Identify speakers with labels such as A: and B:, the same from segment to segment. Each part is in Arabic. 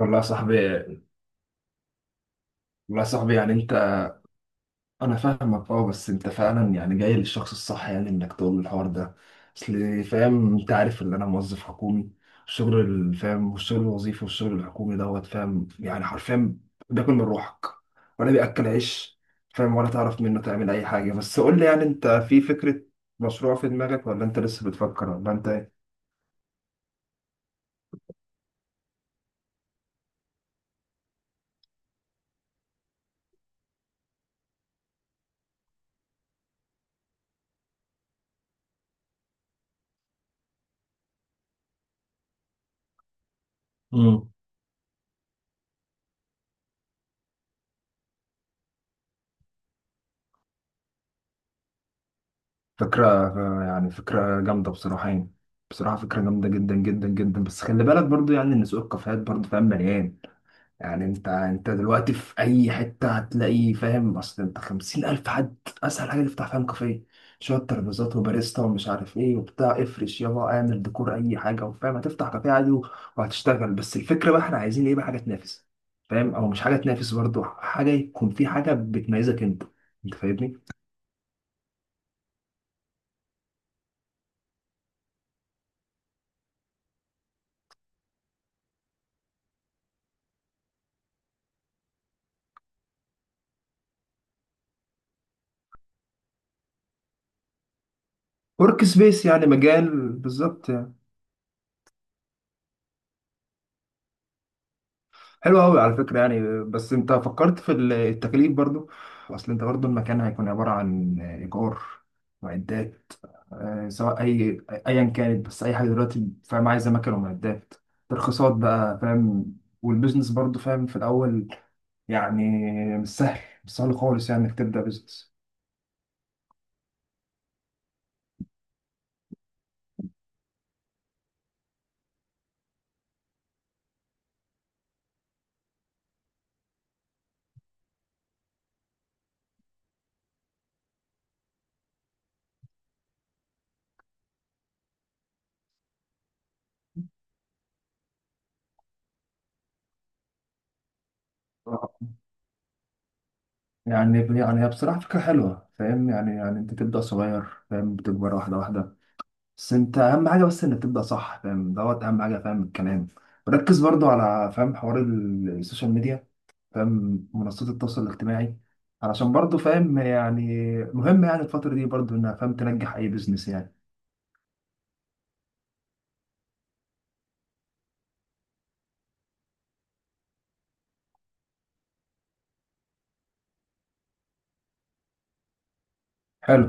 A: والله يا صاحبي والله يا صاحبي، يعني انت، انا فاهمك. اه، بس انت فعلا يعني جاي للشخص الصح، يعني انك تقول له الحوار ده. اصل فاهم، انت عارف ان انا موظف حكومي. الشغل فاهم، والشغل الوظيفي والشغل الحكومي دوت، فاهم، يعني حرفيا بياكل من روحك ولا بياكل عيش. فاهم، ولا تعرف منه تعمل اي حاجه. بس قول لي، يعني انت في فكره مشروع في دماغك، ولا انت لسه بتفكر، ولا انت ايه؟ فكرة، يعني فكرة جامدة بصراحة، يعني بصراحة فكرة جامدة جدا جدا جدا. بس خلي بالك برضو، يعني ان سوق الكافيهات برضو فاهم مليان. يعني انت دلوقتي في اي حتة هتلاقي، فاهم، اصل انت 50,000 حد اسهل حاجة تفتح، فاهم، كافيه. شوية ترابيزات وباريستا ومش عارف ايه وبتاع، افرش يابا، اعمل ديكور اي حاجة، وفاهم هتفتح كافيه عادي وهتشتغل. بس الفكرة بقى احنا عايزين ايه بقى، حاجة تنافس، فاهم، او مش حاجة تنافس، برضو حاجة يكون في حاجة بتميزك انت. انت فاهمني؟ ورك سبيس يعني، مجال بالظبط. حلو قوي على فكرة، يعني بس انت فكرت في التكاليف برضو؟ اصل انت برضو المكان هيكون عبارة عن ايجار، معدات، سواء اي ايا كانت. بس اي حاجة دلوقتي فاهم عايزة مكن ومعدات، ترخيصات بقى، فاهم، والبيزنس برضو، فاهم، في الاول. يعني مش سهل، مش سهل خالص، يعني انك تبدأ بيزنس. آه. يعني يعني هي بصراحة فكرة حلوة، فاهم، يعني يعني انت تبدأ صغير، فاهم، بتكبر واحدة واحدة. بس انت اهم حاجه بس انك تبدا صح، فاهم، دوت اهم حاجه، فاهم الكلام. ركز برضو على، فاهم، حوار السوشيال ميديا، فاهم، منصات التواصل الاجتماعي. علشان برضو فاهم يعني مهم، يعني الفتره دي برضو انها فاهم تنجح اي بيزنس يعني. حلو.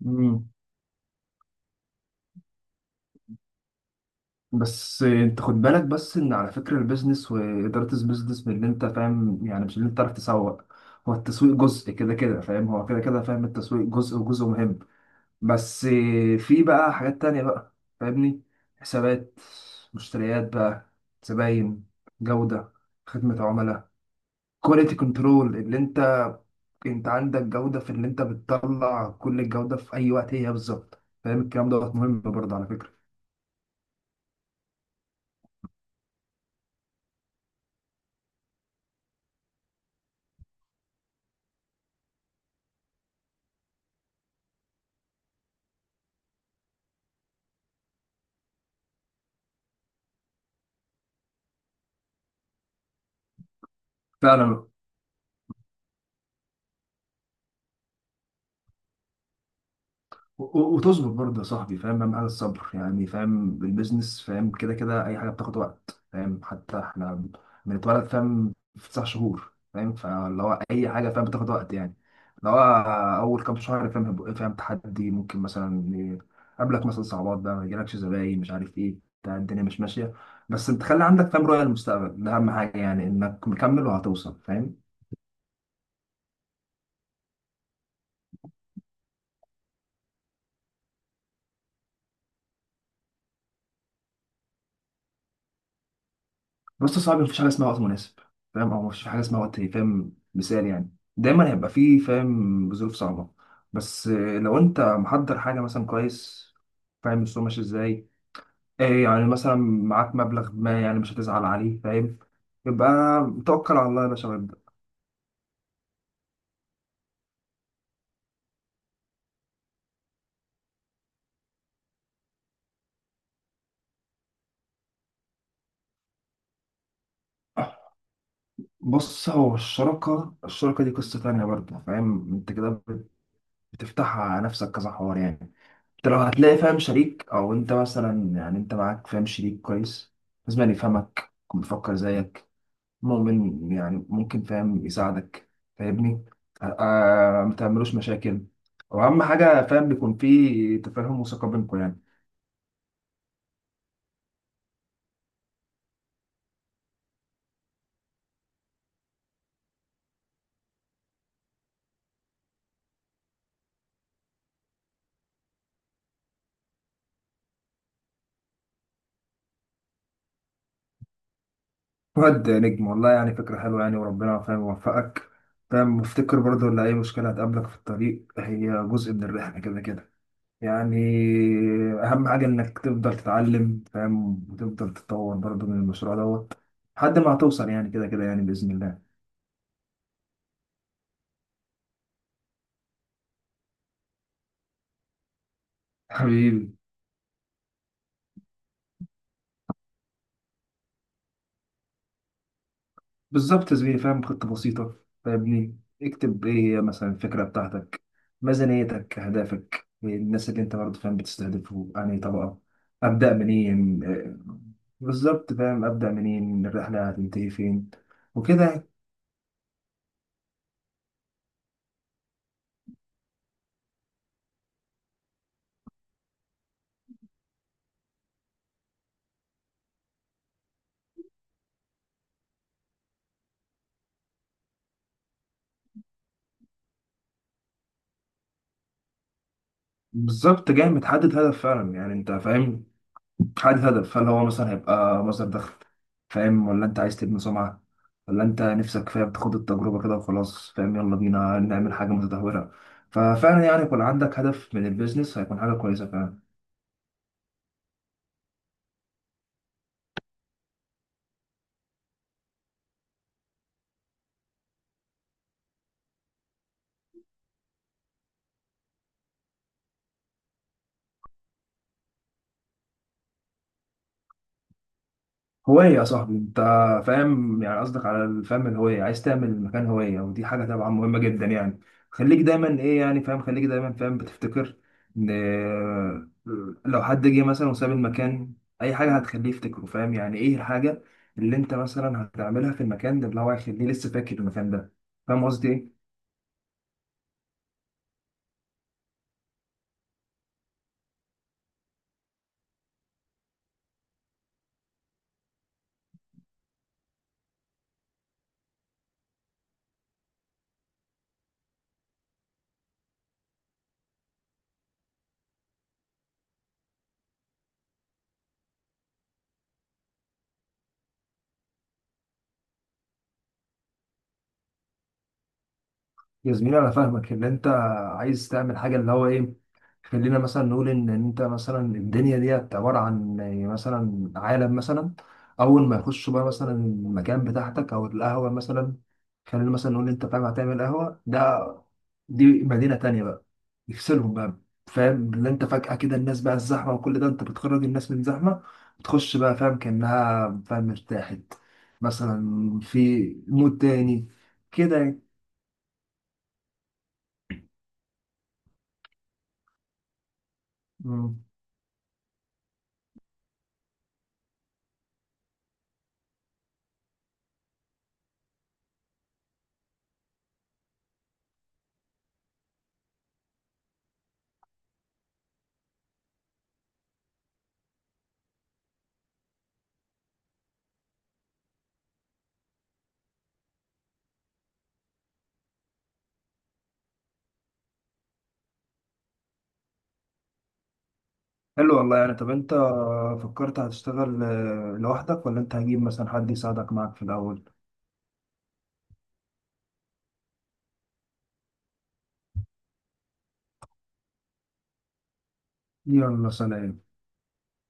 A: مم. بس انت خد بالك بس ان على فكره البيزنس، واداره البيزنس من اللي انت فاهم، يعني مش اللي انت تعرف تسوق. هو التسويق جزء كده كده، فاهم، هو كده كده، فاهم، التسويق جزء وجزء مهم. بس في بقى حاجات تانية بقى، فاهمني، حسابات، مشتريات بقى، زباين، جودة، خدمة عملاء، كواليتي كنترول. اللي انت انت عندك جودة في اللي انت بتطلع، كل الجودة في اي وقت هي بالظبط، فاهم الكلام، دوت مهم برضه على فكرة. فعلا. وتصبر برضه يا صاحبي، فاهم، اهم حاجه الصبر، يعني فاهم البيزنس، فاهم كده كده اي حاجه بتاخد وقت، فاهم حتى احنا بنتولد فاهم في 9 شهور، فاهم فاللي هو اي حاجه فاهم بتاخد وقت يعني. اللي هو اول كام شهر، فاهم، هيبقى فاهم تحدي، ممكن مثلا يقابلك مثلا صعوبات بقى، ما يجيلكش زباين، مش عارف ايه، بتاع الدنيا مش ماشيه. بس انت خلي عندك، فاهم، رؤيه للمستقبل. ده اهم حاجه، يعني انك مكمل وهتوصل فاهم. بس صعب، مفيش حاجه اسمها وقت مناسب، فاهم، او مفيش حاجه اسمها وقت، فاهم، مثال يعني. دايما هيبقى فيه فاهم ظروف صعبه. بس لو انت محضر حاجه مثلا كويس، فاهم السوق ماشي ازاي، ايه يعني مثلا معاك مبلغ ما، يعني مش هتزعل عليه، فاهم. يبقى توكل على الله يا باشا وابدأ. بص، هو الشراكة، الشراكة دي قصة تانية برضه، فاهم، انت كده بتفتحها على نفسك كذا حوار يعني. انت لو هتلاقي، فاهم، شريك، او انت مثلا يعني انت معاك فاهم شريك كويس، لازم يعني يفهمك، يكون بيفكر زيك، مؤمن يعني ممكن فاهم يساعدك، فاهمني. ما تعملوش مشاكل. واهم حاجه فاهم بيكون في تفاهم وثقه بينكم يعني. واد نجم والله، يعني فكره حلوه يعني، وربنا فاهم يوفقك. فاهم، وافتكر برضه ان اي مشكله هتقابلك في الطريق هي جزء من الرحله، كده كده يعني. اهم حاجه انك تفضل تتعلم فاهم، وتفضل تتطور برضو من المشروع دوت، لحد ما هتوصل، يعني كده كده يعني باذن الله. حبيبي. بالظبط يا زميلي، فاهم، خطه بسيطه، فاهمني، اكتب ايه هي مثلا الفكره بتاعتك، ميزانيتك، اهدافك، الناس اللي انت برضو فاهم بتستهدفه، يعني طبقه. ابدا منين، بالظبط فاهم ابدا منين، الرحله هتنتهي فين، وكده يعني. بالظبط، جاي متحدد هدف فعلا، يعني انت فاهم، حدد هدف، هل هو مثلا هيبقى مصدر دخل، فاهم، ولا انت عايز تبني سمعة، ولا انت نفسك فاهم تاخد التجربة كده وخلاص، فاهم يلا بينا نعمل حاجة متدهورة. ففعلا يعني يكون عندك هدف من البيزنس، هيكون حاجة كويسة فعلا. هواية يا صاحبي انت، فاهم، يعني قصدك على الفهم، الهوية. عايز تعمل مكان هوية، ودي حاجة طبعا مهمة جدا يعني. خليك دايما ايه يعني فاهم، خليك دايما فاهم بتفتكر ان، لو حد جه مثلا وساب المكان، اي حاجة هتخليه يفتكره، فاهم يعني، ايه الحاجة اللي انت مثلا هتعملها في المكان ده، اللي هو هيخليه لسه فاكر المكان ده، فاهم قصدي ايه؟ يا زميلي انا فاهمك ان انت عايز تعمل حاجه اللي هو ايه. خلينا مثلا نقول ان انت مثلا الدنيا ديت عباره عن يعني مثلا عالم مثلا، اول ما يخش بقى مثلا المكان بتاعتك او القهوه مثلا. خلينا مثلا نقول انت فاهم هتعمل قهوه، ده دي مدينه تانية بقى، يفصلهم بقى، فاهم اللي انت فجاه كده الناس بقى الزحمه وكل ده، انت بتخرج الناس من زحمه، بتخش بقى فاهم كانها فاهم ارتاحت، مثلا في مود تاني، كده يعني. مم. حلو والله، يعني طب انت فكرت هتشتغل لوحدك، ولا انت هجيب مثلا حد يساعدك معاك في الاول؟ يلا سلام.